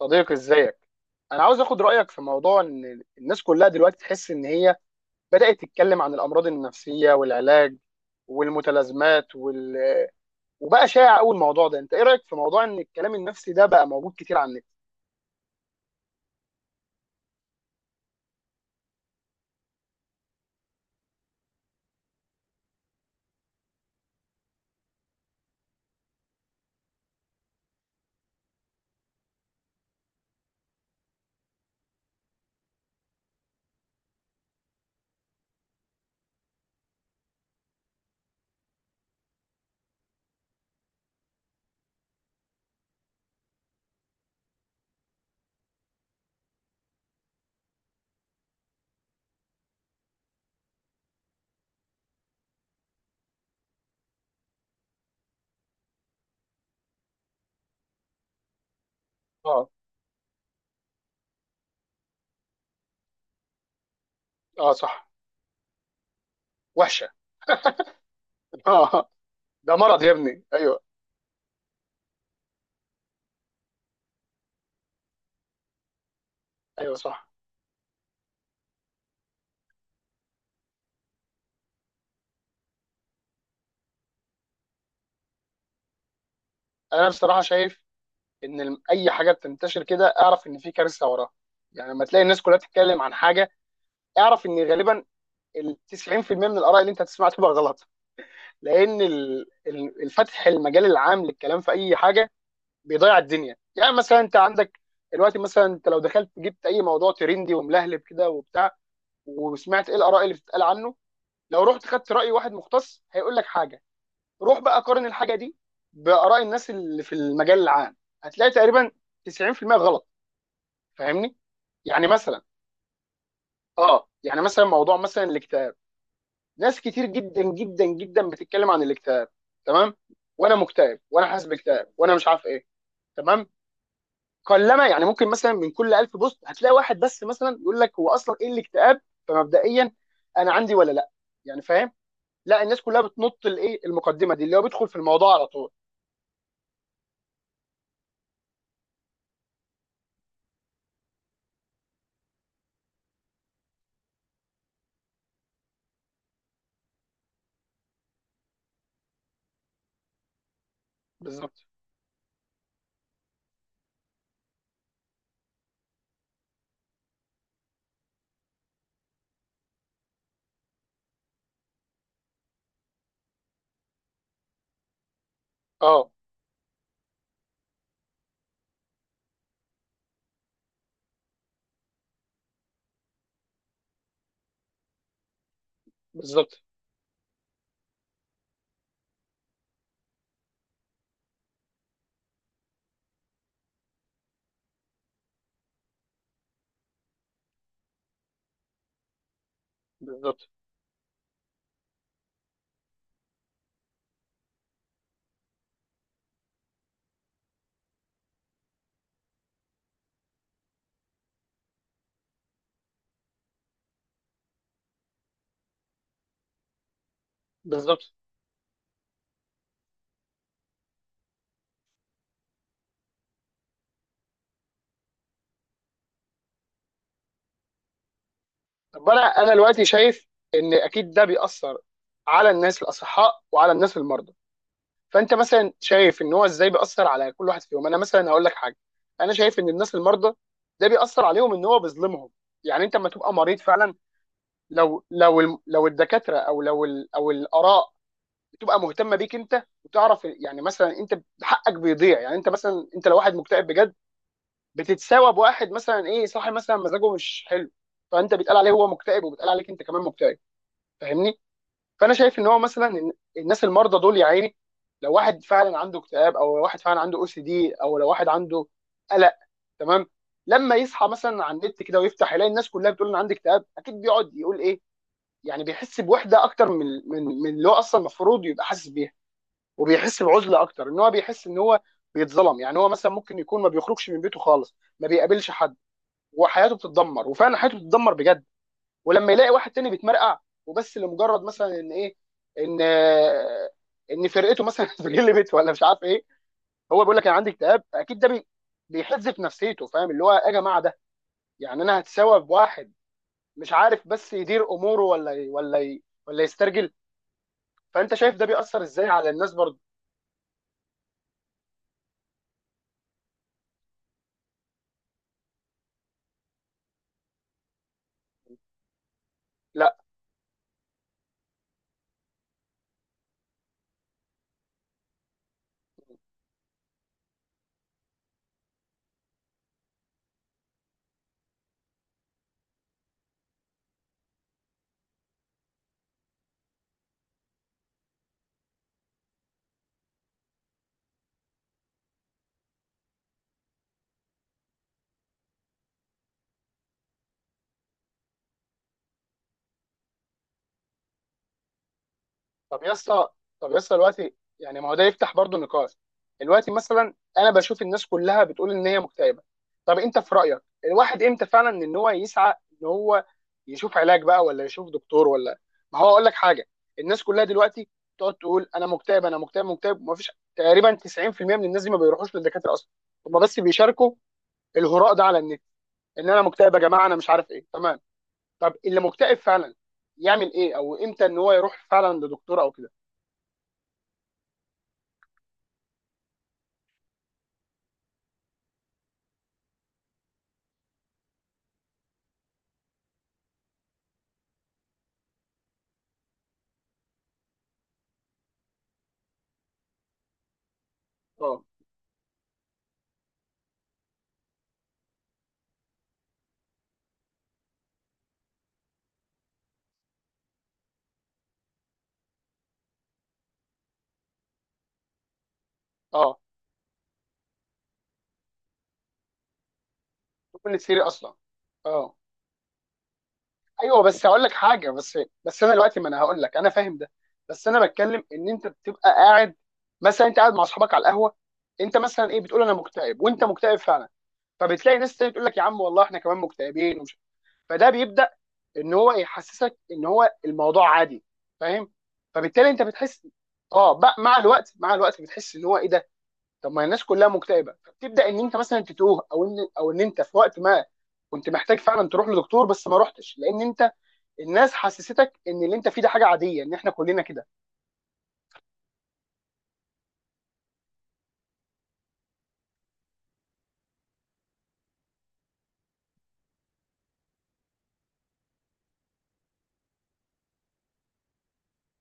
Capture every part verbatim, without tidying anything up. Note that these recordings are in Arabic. صديقي، ازيك؟ انا عاوز اخد رايك في موضوع ان الناس كلها دلوقتي تحس ان هي بدات تتكلم عن الامراض النفسيه والعلاج والمتلازمات وال... وبقى شائع قوي الموضوع ده. انت ايه رايك في موضوع ان الكلام النفسي ده بقى موجود كتير على النت؟ اه، اه، صح. وحشه. اه. ده مرض يا ابني، ايوه. ايوه، صح. انا بصراحه شايف ان الم- اي حاجه بتنتشر كده اعرف ان في كارثه وراها. يعني لما تلاقي الناس كلها بتتكلم عن حاجه، اعرف ان غالبا ال تسعين في المية من الاراء اللي انت هتسمعها تبقى غلط، لان ال- ال- الفتح المجال العام للكلام في اي حاجه بيضيع الدنيا. يعني مثلا انت عندك دلوقتي، مثلا انت لو دخلت جبت اي موضوع ترندي وملهلب كده وبتاع، وسمعت ايه الاراء اللي بتتقال عنه، لو رحت خدت راي واحد مختص هيقول لك حاجه. روح بقى قارن الحاجه دي باراء الناس اللي في المجال العام، هتلاقي تقريبا تسعين في المئة غلط. فاهمني؟ يعني مثلا، اه، يعني مثلا موضوع مثلا الاكتئاب. ناس كتير جدا جدا جدا بتتكلم عن الاكتئاب، تمام؟ وانا مكتئب، وانا حاسس باكتئاب، وانا مش عارف ايه. تمام. قلما يعني ممكن مثلا من كل ألف بوست هتلاقي واحد بس مثلا يقول لك هو اصلا ايه الاكتئاب. فمبدئيا انا عندي ولا لا؟ يعني، فاهم؟ لا، الناس كلها بتنط الايه المقدمه دي، اللي هو بيدخل في الموضوع على طول. بالظبط. اه، بالظبط. بالظبط. بالظبط. طب انا انا دلوقتي شايف ان اكيد ده بيأثر على الناس الاصحاء وعلى الناس المرضى. فانت مثلا شايف ان هو ازاي بيأثر على كل واحد فيهم؟ انا مثلا هقول لك حاجه. انا شايف ان الناس المرضى، ده بيأثر عليهم ان هو بيظلمهم. يعني انت لما تبقى مريض فعلا، لو لو الم- لو الدكاتره او لو ال- او الاراء بتبقى مهتمه بيك انت وتعرف، يعني مثلا انت حقك بيضيع، يعني انت مثلا، انت لو واحد مكتئب بجد بتتساوى بواحد مثلا ايه، صاحي مثلا مزاجه مش حلو. فانت بيتقال عليه هو مكتئب، وبيتقال عليك انت كمان مكتئب. فاهمني؟ فانا شايف ان هو مثلا إن- الناس المرضى دول، يا عيني، لو واحد فعلا عنده اكتئاب، او لو واحد فعلا عنده او سي دي، او لو واحد عنده قلق. تمام. لما يصحى مثلا على النت كده ويفتح يلاقي الناس كلها بتقول انا عندي اكتئاب، اكيد بيقعد يقول ايه. يعني بيحس بوحده اكتر من من من اللي هو اصلا المفروض يبقى حاسس بيها، وبيحس بعزله اكتر ان هو بيحس ان هو بيتظلم. يعني هو مثلا ممكن يكون ما بيخرجش من بيته خالص، ما بيقابلش حد، وحياته بتتدمر، وفعلا حياته بتتدمر بجد. ولما يلاقي واحد تاني بيتمرقع، وبس لمجرد مثلا ان ايه ان آه، ان فرقته مثلا اتغلبت ولا مش عارف ايه، هو بيقول لك انا عندي اكتئاب. اكيد ده بي- بيحز في نفسيته. فاهم؟ اللي هو يا جماعه ده، يعني انا هتساوى بواحد مش عارف بس يدير اموره، ولا ي- ولا ي- ولا يسترجل. فانت شايف ده بيأثر ازاي على الناس برضه؟ لا. طب يا اسطى، طب يا اسطى، دلوقتي يعني ما هو ده يفتح برضه نقاش. دلوقتي مثلا انا بشوف الناس كلها بتقول ان هي مكتئبه. طب انت في رايك الواحد امتى فعلا ان هو يسعى ان هو يشوف علاج بقى، ولا يشوف دكتور، ولا؟ ما هو اقول لك حاجه. الناس كلها دلوقتي تقعد تقول انا مكتئب، انا مكتئب، مكتئب، ما فيش تقريبا تسعين في المئة من الناس دي ما بيروحوش للدكاتره اصلا. هم بس بيشاركوا الهراء ده على النت: ان انا مكتئب يا جماعه، انا مش عارف ايه. تمام. طب اللي مكتئب فعلا يعمل ايه، او امتى ان هو يروح فعلا لدكتور او كده؟ آه. اه، توب الثيري اصلا. اه. ايوه، بس هقول لك حاجه بس. بس انا دلوقتي، ما انا هقول لك انا فاهم ده، بس انا بتكلم ان انت بتبقى قاعد، مثلا انت قاعد مع اصحابك على القهوه، انت مثلا ايه، بتقول انا مكتئب، وانت مكتئب فعلا، فبتلاقي ناس تانية تقول لك يا عم والله احنا كمان مكتئبين ومش، فده بيبدا ان هو يحسسك ان هو الموضوع عادي. فاهم؟ فبالتالي انت بتحس، اه، بقى مع الوقت، مع الوقت، بتحس ان هو ايه ده. طب ما الناس كلها مكتئبه، فبتبدا ان انت مثلا تتوه او ان او ان انت في وقت ما كنت محتاج فعلا تروح لدكتور، بس ما رحتش لان انت الناس حسستك ان اللي انت فيه ده حاجه عاديه، ان احنا كلنا كده.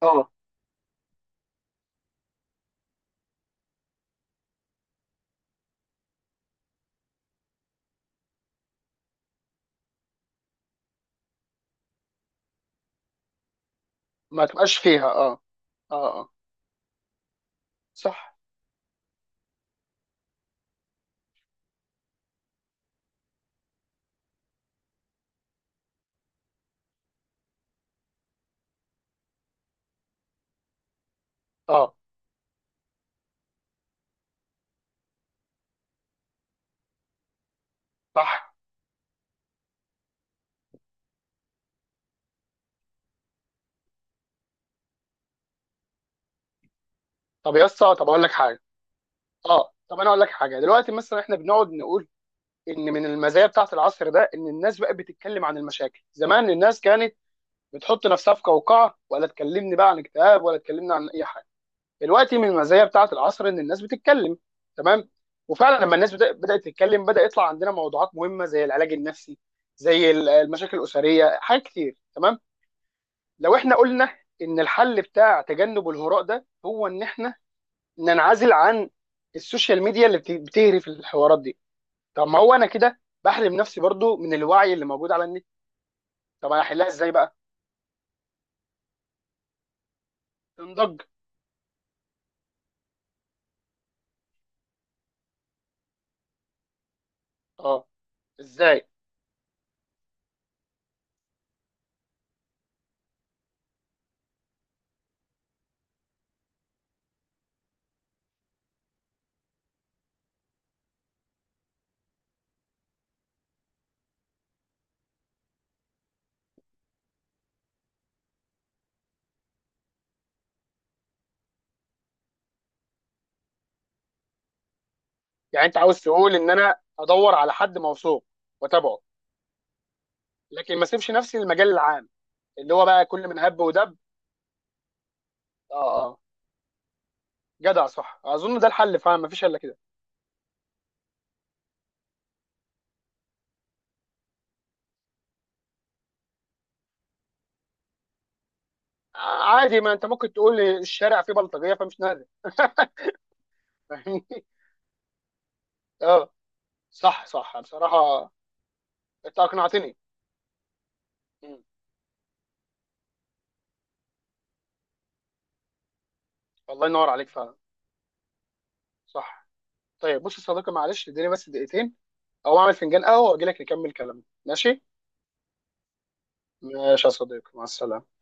اه، ما تبقاش فيها. اه، اه، اه صح، اه صح. طب يا اسطى، طب اقول لك حاجه. اه، طب انا اقول لك حاجه. دلوقتي مثلا احنا بنقعد نقول ان من المزايا بتاعه العصر ده ان الناس بقت بتتكلم عن المشاكل. زمان الناس كانت بتحط نفسها في قوقعه، ولا تكلمني بقى عن اكتئاب، ولا تكلمني عن اي حاجه. دلوقتي من المزايا بتاعه العصر ان الناس بتتكلم. تمام. وفعلا لما الناس بدأ- بدات تتكلم بدا يطلع عندنا موضوعات مهمه زي العلاج النفسي، زي ال- المشاكل الاسريه، حاجات كتير. تمام. لو احنا قلنا ان الحل بتاع تجنب الهراء ده هو ان احنا ننعزل عن السوشيال ميديا اللي بت- بتهرف الحوارات دي، طب ما هو انا كده بحرم نفسي برضو من الوعي اللي موجود على النت. طب انا احلها ازاي بقى؟ تنضج؟ اه، ازاي؟ يعني انت عاوز تقول ان انا ادور على حد موثوق واتابعه، لكن ما اسيبش نفسي للمجال العام اللي هو بقى كل من هب ودب؟ اه، اه، جدع. صح. اظن ده الحل فعلا، ما فيش الا كده. عادي، ما انت ممكن تقول لي الشارع فيه بلطجيه فمش نادر. فاهمني؟ اه، صح، صح بصراحه. انت اقنعتني. مم. الله ينور عليك فعلا. صح. طيب، بص يا صديقي، معلش اديني بس دقيقتين او اعمل فنجان قهوه واجي لك نكمل كلامنا، ماشي؟ ماشي يا صديقي، مع السلامه.